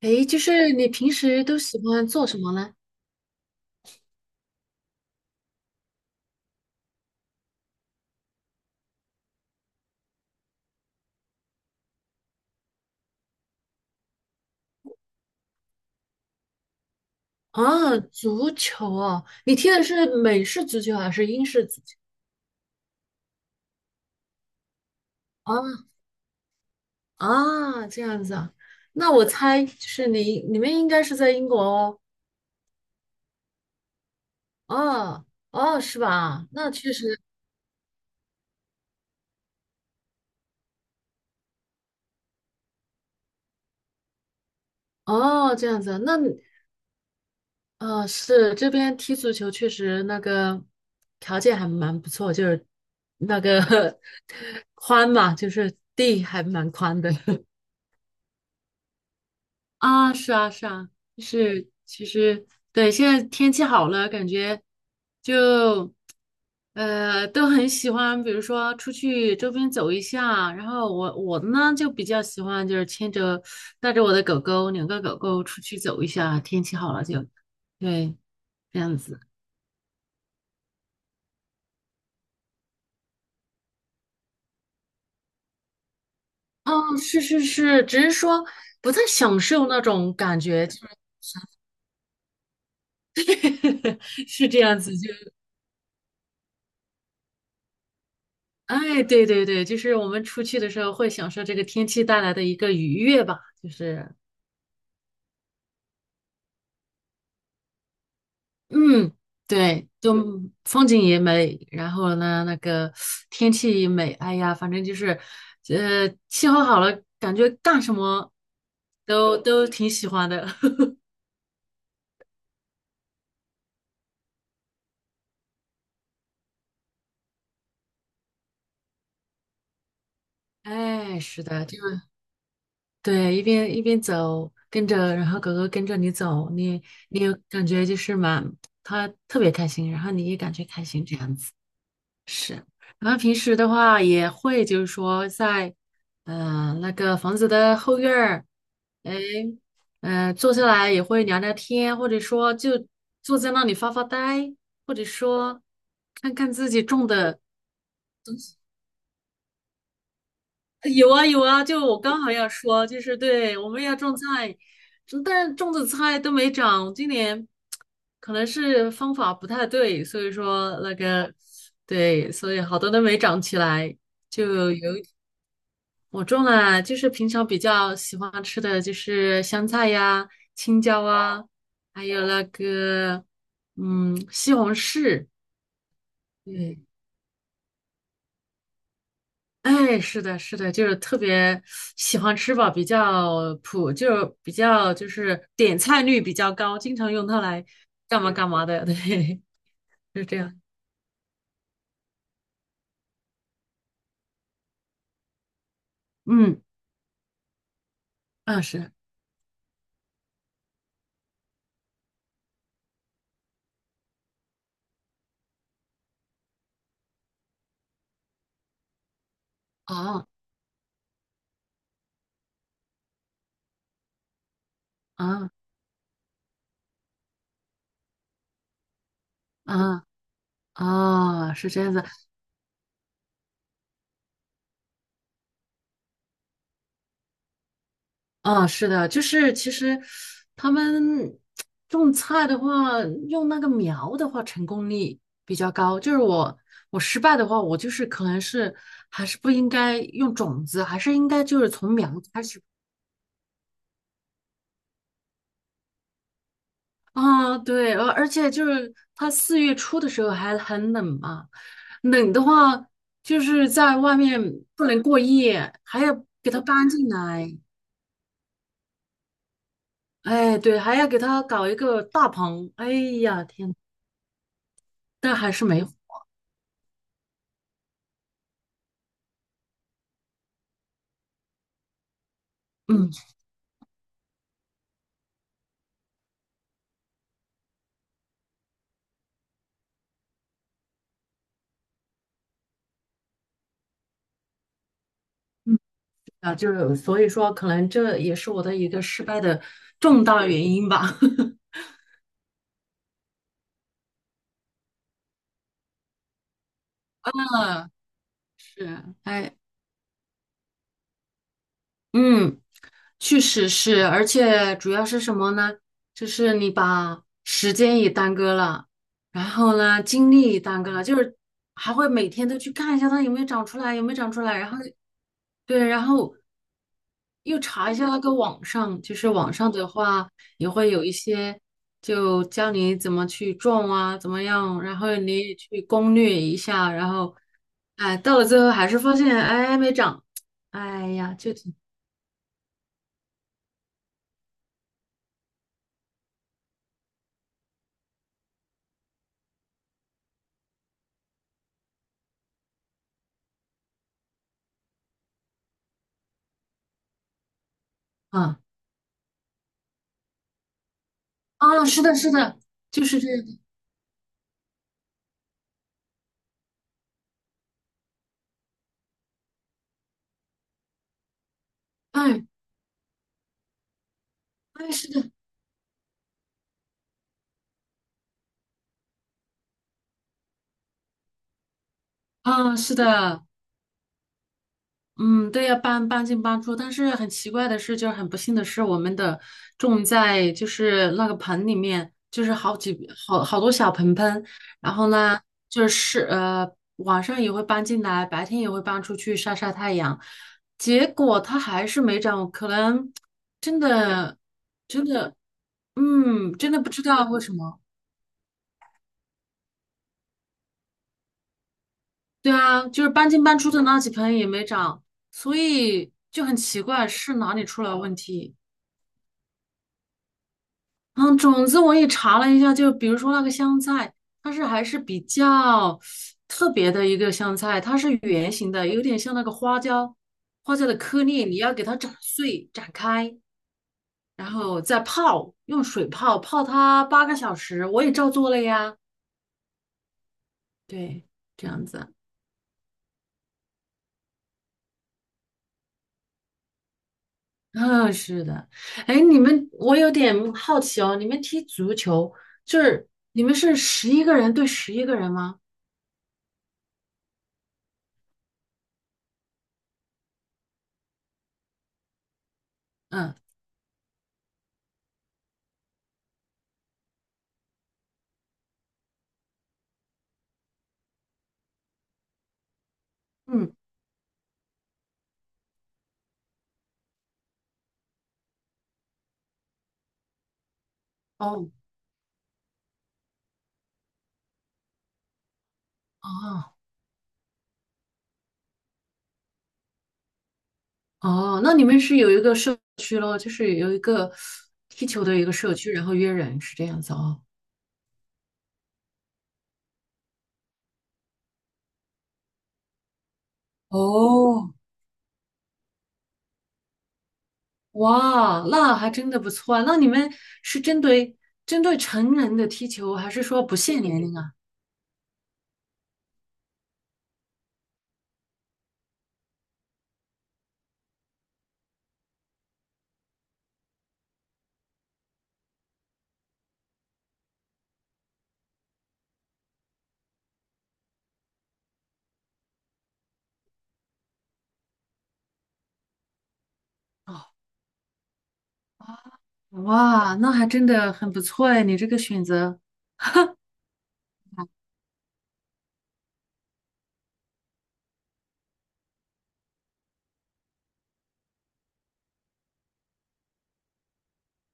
诶，就是你平时都喜欢做什么呢？啊，足球哦，你踢的是美式足球还是英式足球？啊啊，这样子啊，那我猜就是你们应该是在英国哦。哦哦，是吧？那确实。哦，这样子啊那。啊，是这边踢足球确实那个条件还蛮不错，就是那个 宽嘛，就是地还蛮宽的。啊，是啊，是啊，就是其实对，现在天气好了，感觉就都很喜欢，比如说出去周边走一下。然后我呢就比较喜欢，就是牵着带着我的狗狗，两个狗狗出去走一下。天气好了就，对，这样子。哦，是是是，只是说不太享受那种感觉，就是 是这样子就。哎，对对对，就是我们出去的时候会享受这个天气带来的一个愉悦吧，就是，嗯，对，就风景也美，然后呢，那个天气也美，哎呀，反正就是，气候好了，感觉干什么都挺喜欢的。哎，是的，就对，一边一边走，跟着，然后狗狗跟着你走，你有感觉就是嘛，它特别开心，然后你也感觉开心这样子。是，然后平时的话也会，就是说在，那个房子的后院儿。哎，坐下来也会聊聊天，或者说就坐在那里发发呆，或者说看看自己种的。有啊有啊，就我刚好要说，就是对，我们要种菜，但是种的菜都没长，今年可能是方法不太对，所以说那个，对，所以好多都没长起来。就有我种了，就是平常比较喜欢吃的就是香菜呀、青椒啊，还有那个西红柿。对，哎，是的，是的，就是特别喜欢吃吧，比较普，就比较就是点菜率比较高，经常用它来干嘛干嘛的。对，是这样。嗯，啊是，哦，啊啊啊，哦，是这样子。啊，是的，就是其实他们种菜的话，用那个苗的话，成功率比较高。就是我失败的话，我就是可能是还是不应该用种子，还是应该就是从苗开始啊。对，而且就是它四月初的时候还很冷嘛，冷的话就是在外面不能过夜，还要给它搬进来。哎，对，还要给它搞一个大棚。哎呀，天，但还是没。嗯嗯，啊，就是所以说，可能这也是我的一个失败的重大原因吧。嗯，是，哎，嗯，确实是，而且主要是什么呢？就是你把时间也耽搁了，然后呢，精力也耽搁了，就是还会每天都去看一下它有没有长出来，有没有长出来，然后对，然后又查一下那个网上，就是网上的话也会有一些，就教你怎么去种啊，怎么样，然后你也去攻略一下，然后，哎，到了最后还是发现，哎，没长，哎呀，就挺，啊啊，是的，是的，就是这样的，哎哎，是的，啊，是的。嗯，对呀，搬进搬出，但是很奇怪的是，就是很不幸的是，我们的种在就是那个盆里面，就是好几好好多小盆盆，然后呢，就是晚上也会搬进来，白天也会搬出去晒晒太阳，结果它还是没长，可能真的真的真的不知道为什么。对啊，就是搬进搬出的那几盆也没长，所以就很奇怪是哪里出了问题。嗯，种子我也查了一下，就比如说那个香菜，它是还是比较特别的一个香菜，它是圆形的，有点像那个花椒，花椒的颗粒，你要给它斩碎、斩开，然后再泡，用水泡，泡它8个小时，我也照做了呀。对，这样子。嗯，是的。哎，你们，我有点好奇哦，你们踢足球，就是你们是十一个人对十一个人吗？嗯嗯，哦哦。哦，那你们是有一个社区咯，就是有一个踢球的一个社区，然后约人是这样子哦。哦，哇，那还真的不错啊。那你们是针对成人的踢球，还是说不限年龄啊？哦，哇，那还真的很不错哎，你这个选择，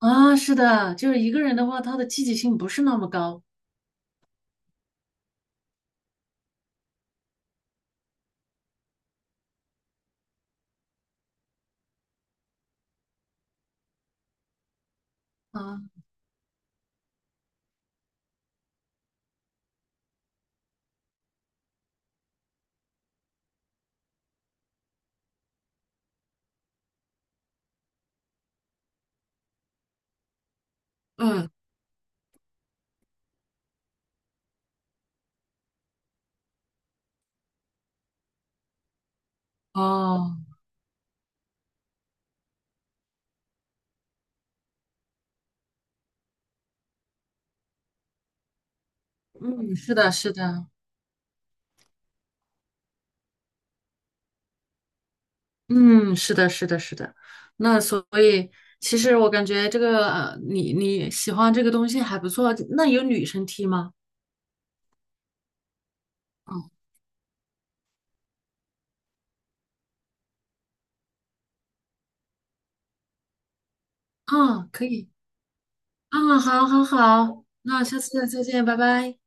啊，是的，就是一个人的话，他的积极性不是那么高啊。嗯，哦，嗯，是的，是的。嗯，是的，是的，是的。那所以，其实我感觉这个，你喜欢这个东西还不错。那有女生踢吗？嗯，啊，可以，啊，好，好，好，那下次再见，拜拜。